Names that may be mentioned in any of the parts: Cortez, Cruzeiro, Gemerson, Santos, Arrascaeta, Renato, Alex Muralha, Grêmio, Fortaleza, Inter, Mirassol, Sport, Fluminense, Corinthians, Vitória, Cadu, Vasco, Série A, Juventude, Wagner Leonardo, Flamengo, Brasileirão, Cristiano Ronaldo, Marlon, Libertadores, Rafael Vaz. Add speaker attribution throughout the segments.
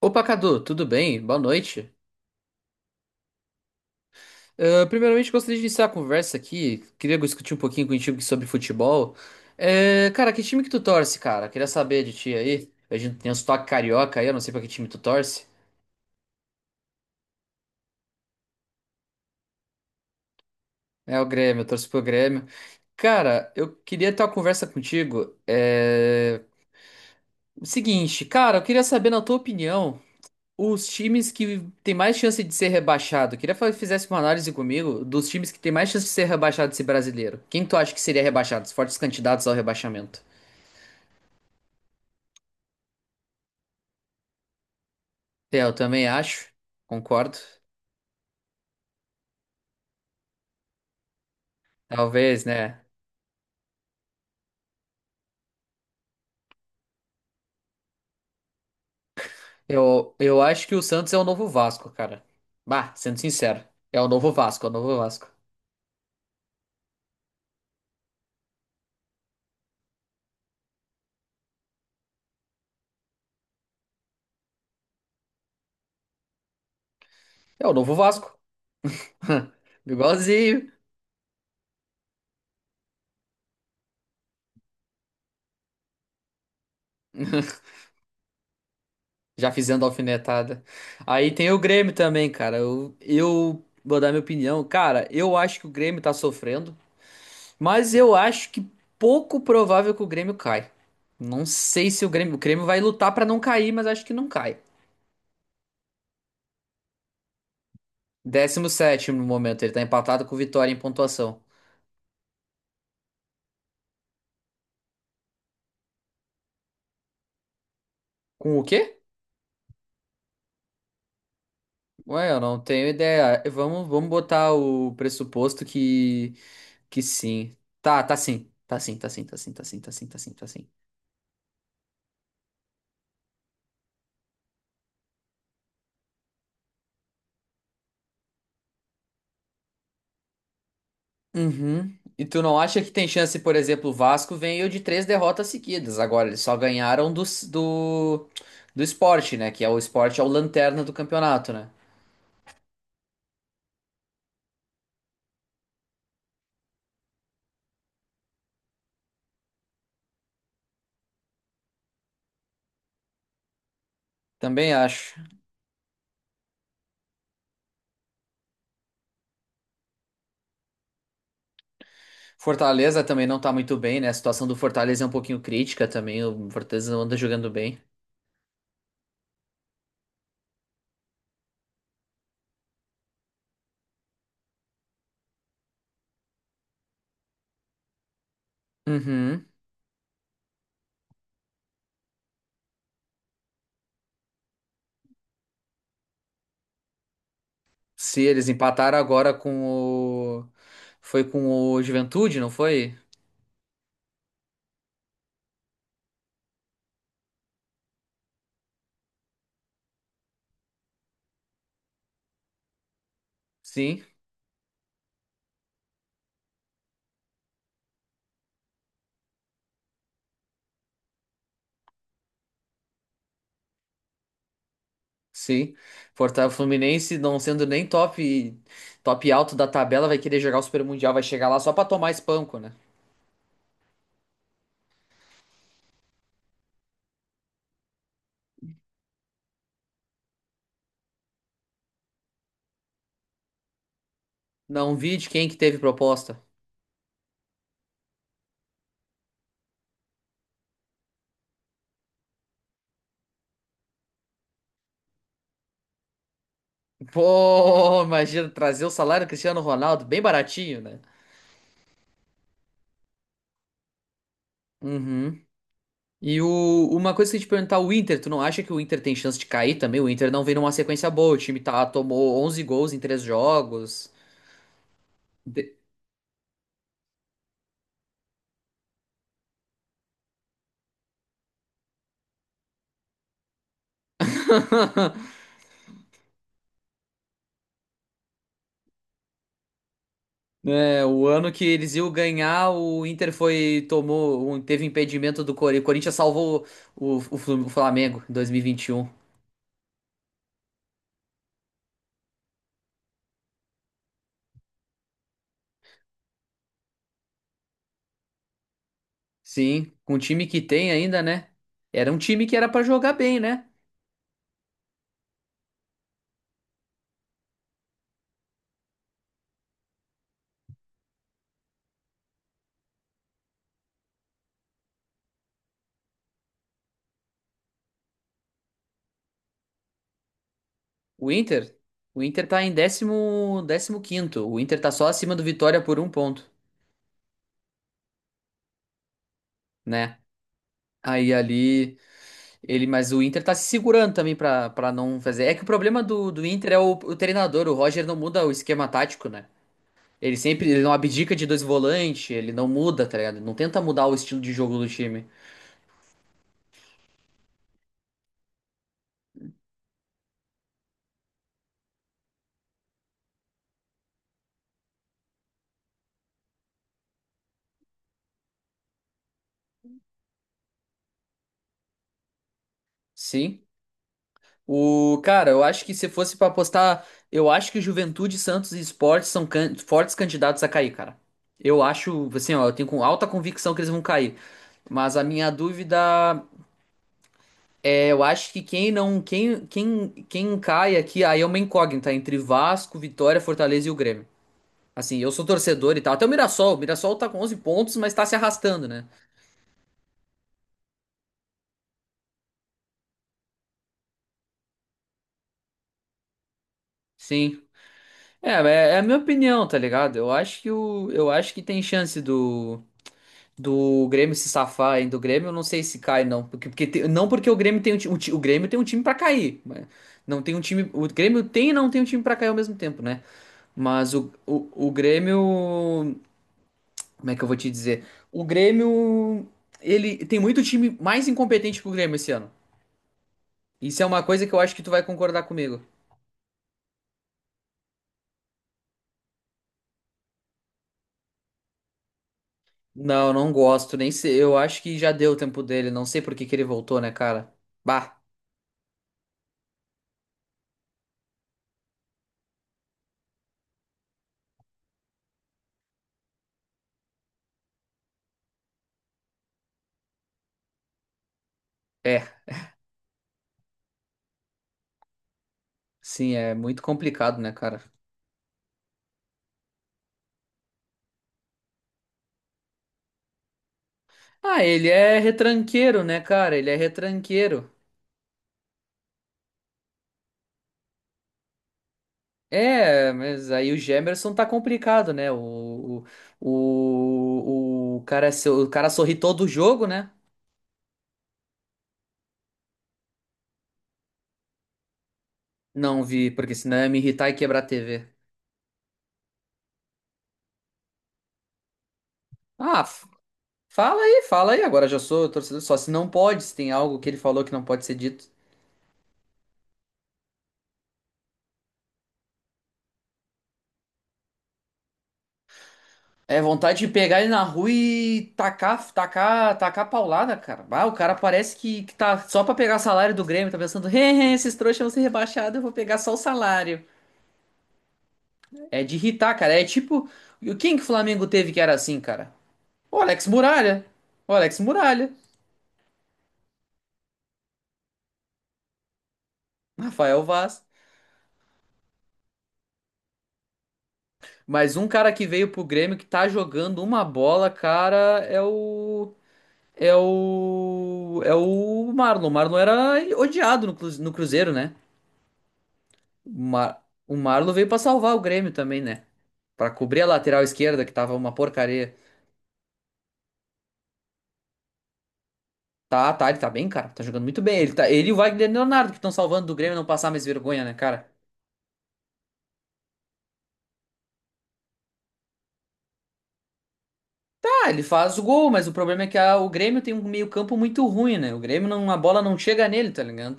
Speaker 1: Opa, Cadu, tudo bem? Boa noite. Ah, primeiramente, gostaria de iniciar a conversa aqui. Queria discutir um pouquinho contigo sobre futebol. Cara, que time que tu torce, cara? Queria saber de ti aí. A gente tem um sotaque carioca aí, eu não sei pra que time tu torce. É o Grêmio, eu torço pro Grêmio. Cara, eu queria ter uma conversa contigo. O seguinte, cara, eu queria saber na tua opinião. Os times que tem mais chance de ser rebaixado, queria fizesse uma análise comigo dos times que tem mais chance de ser rebaixado desse brasileiro. Quem tu acha que seria rebaixado? Os fortes candidatos ao rebaixamento. É, eu também acho, concordo. Talvez, né? Eu acho que o Santos é o novo Vasco, cara. Bah, sendo sincero, é o novo Vasco, é o novo Vasco. É o novo Vasco. Igualzinho. Já fizendo alfinetada. Aí tem o Grêmio também, cara. Eu vou dar minha opinião. Cara, eu acho que o Grêmio tá sofrendo. Mas eu acho que pouco provável que o Grêmio caia. Não sei se o Grêmio, o Grêmio vai lutar pra não cair, mas acho que não cai. Décimo sétimo no momento, ele tá empatado com o Vitória em pontuação. Com o quê? Ué, eu não tenho ideia. Vamos botar o pressuposto que sim. Tá, tá sim. Tá sim, tá sim, tá sim, tá sim, tá sim, tá sim, tá sim. Uhum. E tu não acha que tem chance, por exemplo, o Vasco veio de três derrotas seguidas. Agora, eles só ganharam do, do Sport, né? Que é o Sport, é o lanterna do campeonato, né? Também acho. Fortaleza também não tá muito bem, né? A situação do Fortaleza é um pouquinho crítica também. O Fortaleza não anda jogando bem. Uhum. Se eles empataram agora com o. Foi com o Juventude, não foi? Sim. Sim. Fortaleza Fluminense não sendo nem top top alto da tabela, vai querer jogar o Super Mundial, vai chegar lá só pra tomar espanco, né? Não vi de quem que teve proposta. Pô, imagina trazer o salário do Cristiano Ronaldo bem baratinho, né? Uhum. E o, uma coisa que eu ia te perguntar, o Inter, tu não acha que o Inter tem chance de cair também? O Inter não vem numa sequência boa, o time tá, tomou 11 gols em 3 jogos. De- É, o ano que eles iam ganhar, o Inter foi, tomou, um- teve impedimento do Corinthians. O Corinthians salvou Flu- o Flamengo em 2021. Sim, com o time que tem ainda, né? Era um time que era pra jogar bem, né? O Inter, o Inter tá em décimo, décimo quinto. O Inter tá só acima do Vitória por um ponto, né? Aí ali, ele, mas o Inter tá se segurando também para não fazer. É que o problema do Inter é o treinador. O Roger não muda o esquema tático, né? Ele sempre, ele não abdica de dois volantes, ele não muda, tá ligado? Não tenta mudar o estilo de jogo do time. Sim. O, cara, eu acho que se fosse pra apostar, eu acho que Juventude, Santos e Sport fortes candidatos a cair, cara. Eu acho, assim, ó, eu tenho com alta convicção que eles vão cair. Mas a minha dúvida é, eu acho que quem não, quem, quem, quem cai aqui, aí é uma incógnita entre Vasco, Vitória, Fortaleza e o Grêmio. Assim, eu sou torcedor e tal. Até o Mirassol tá com 11 pontos, mas tá se arrastando, né? Sim. É, é a minha opinião, tá ligado? Eu acho que o, eu acho que tem chance do Grêmio se safar, hein? Do Grêmio eu não sei se cai, não. Porque, não porque o Grêmio tem o Grêmio tem um time pra cair, mas não tem um time. O Grêmio tem e não tem um time pra cair ao mesmo tempo, né? Mas o Grêmio. Como é que eu vou te dizer? O Grêmio. Ele tem muito time mais incompetente que o Grêmio esse ano. Isso é uma coisa que eu acho que tu vai concordar comigo. Não, não gosto. Nem sei. Eu acho que já deu o tempo dele. Não sei por que que ele voltou, né, cara? Bah, é. Sim, é muito complicado, né, cara? Ah, ele é retranqueiro, né, cara? Ele é retranqueiro. É, mas aí o Gemerson tá complicado, né? O cara, o cara sorri todo o jogo, né? Não vi, porque senão ia me irritar e quebrar a TV. Ah, fala aí, fala aí. Agora já sou torcedor só. Se não pode, se tem algo que ele falou que não pode ser dito. É vontade de pegar ele na rua e tacar, tacar, tacar paulada, cara. Ah, o cara parece que tá só pra pegar salário do Grêmio, tá pensando, "Hehe, esses trouxas vão ser rebaixados, eu vou pegar só o salário. É de irritar, cara. É tipo, quem que o Flamengo teve que era assim, cara? O Alex Muralha. O Alex Muralha. Rafael Vaz. Mas um cara que veio pro Grêmio que tá jogando uma bola, cara, é o. É o. É o Marlon. O Marlon era odiado no Cruzeiro, né? O Mar... o Marlon veio pra salvar o Grêmio também, né? Pra cobrir a lateral esquerda, que tava uma porcaria. Tá, tá, ele tá bem, cara. Tá jogando muito bem. Ele e o Wagner Leonardo que estão salvando do Grêmio não passar mais vergonha, né, cara? Ah, ele faz o gol, mas o problema é que o Grêmio tem um meio-campo muito ruim, né? O Grêmio não, a bola não chega nele, tá ligado?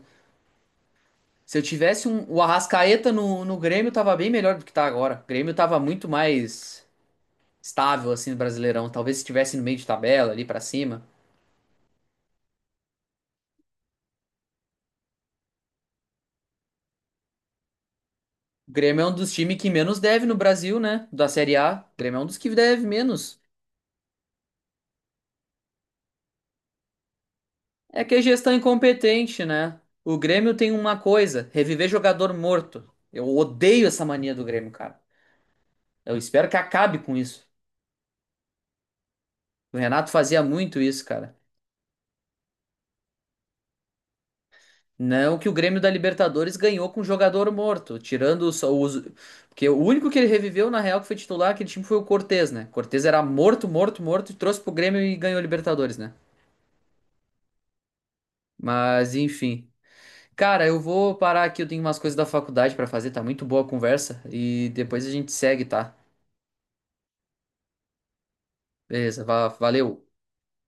Speaker 1: Se eu tivesse um, o Arrascaeta no Grêmio, tava bem melhor do que tá agora. O Grêmio tava muito mais estável, assim, no Brasileirão. Talvez se estivesse no meio de tabela, ali pra cima. O Grêmio é um dos times que menos deve no Brasil, né? Da Série A. O Grêmio é um dos que deve menos. É que é gestão é incompetente, né? O Grêmio tem uma coisa: reviver jogador morto. Eu odeio essa mania do Grêmio, cara. Eu espero que acabe com isso. O Renato fazia muito isso, cara. Não que o Grêmio da Libertadores ganhou com jogador morto, tirando só os. Porque o único que ele reviveu, na real, que foi titular aquele time foi o Cortez, né? Cortez era morto, morto, morto, e trouxe pro Grêmio e ganhou a Libertadores, né? Mas, enfim. Cara, eu vou parar aqui, eu tenho umas coisas da faculdade pra fazer, tá muito boa a conversa e depois a gente segue, tá? Beleza, valeu.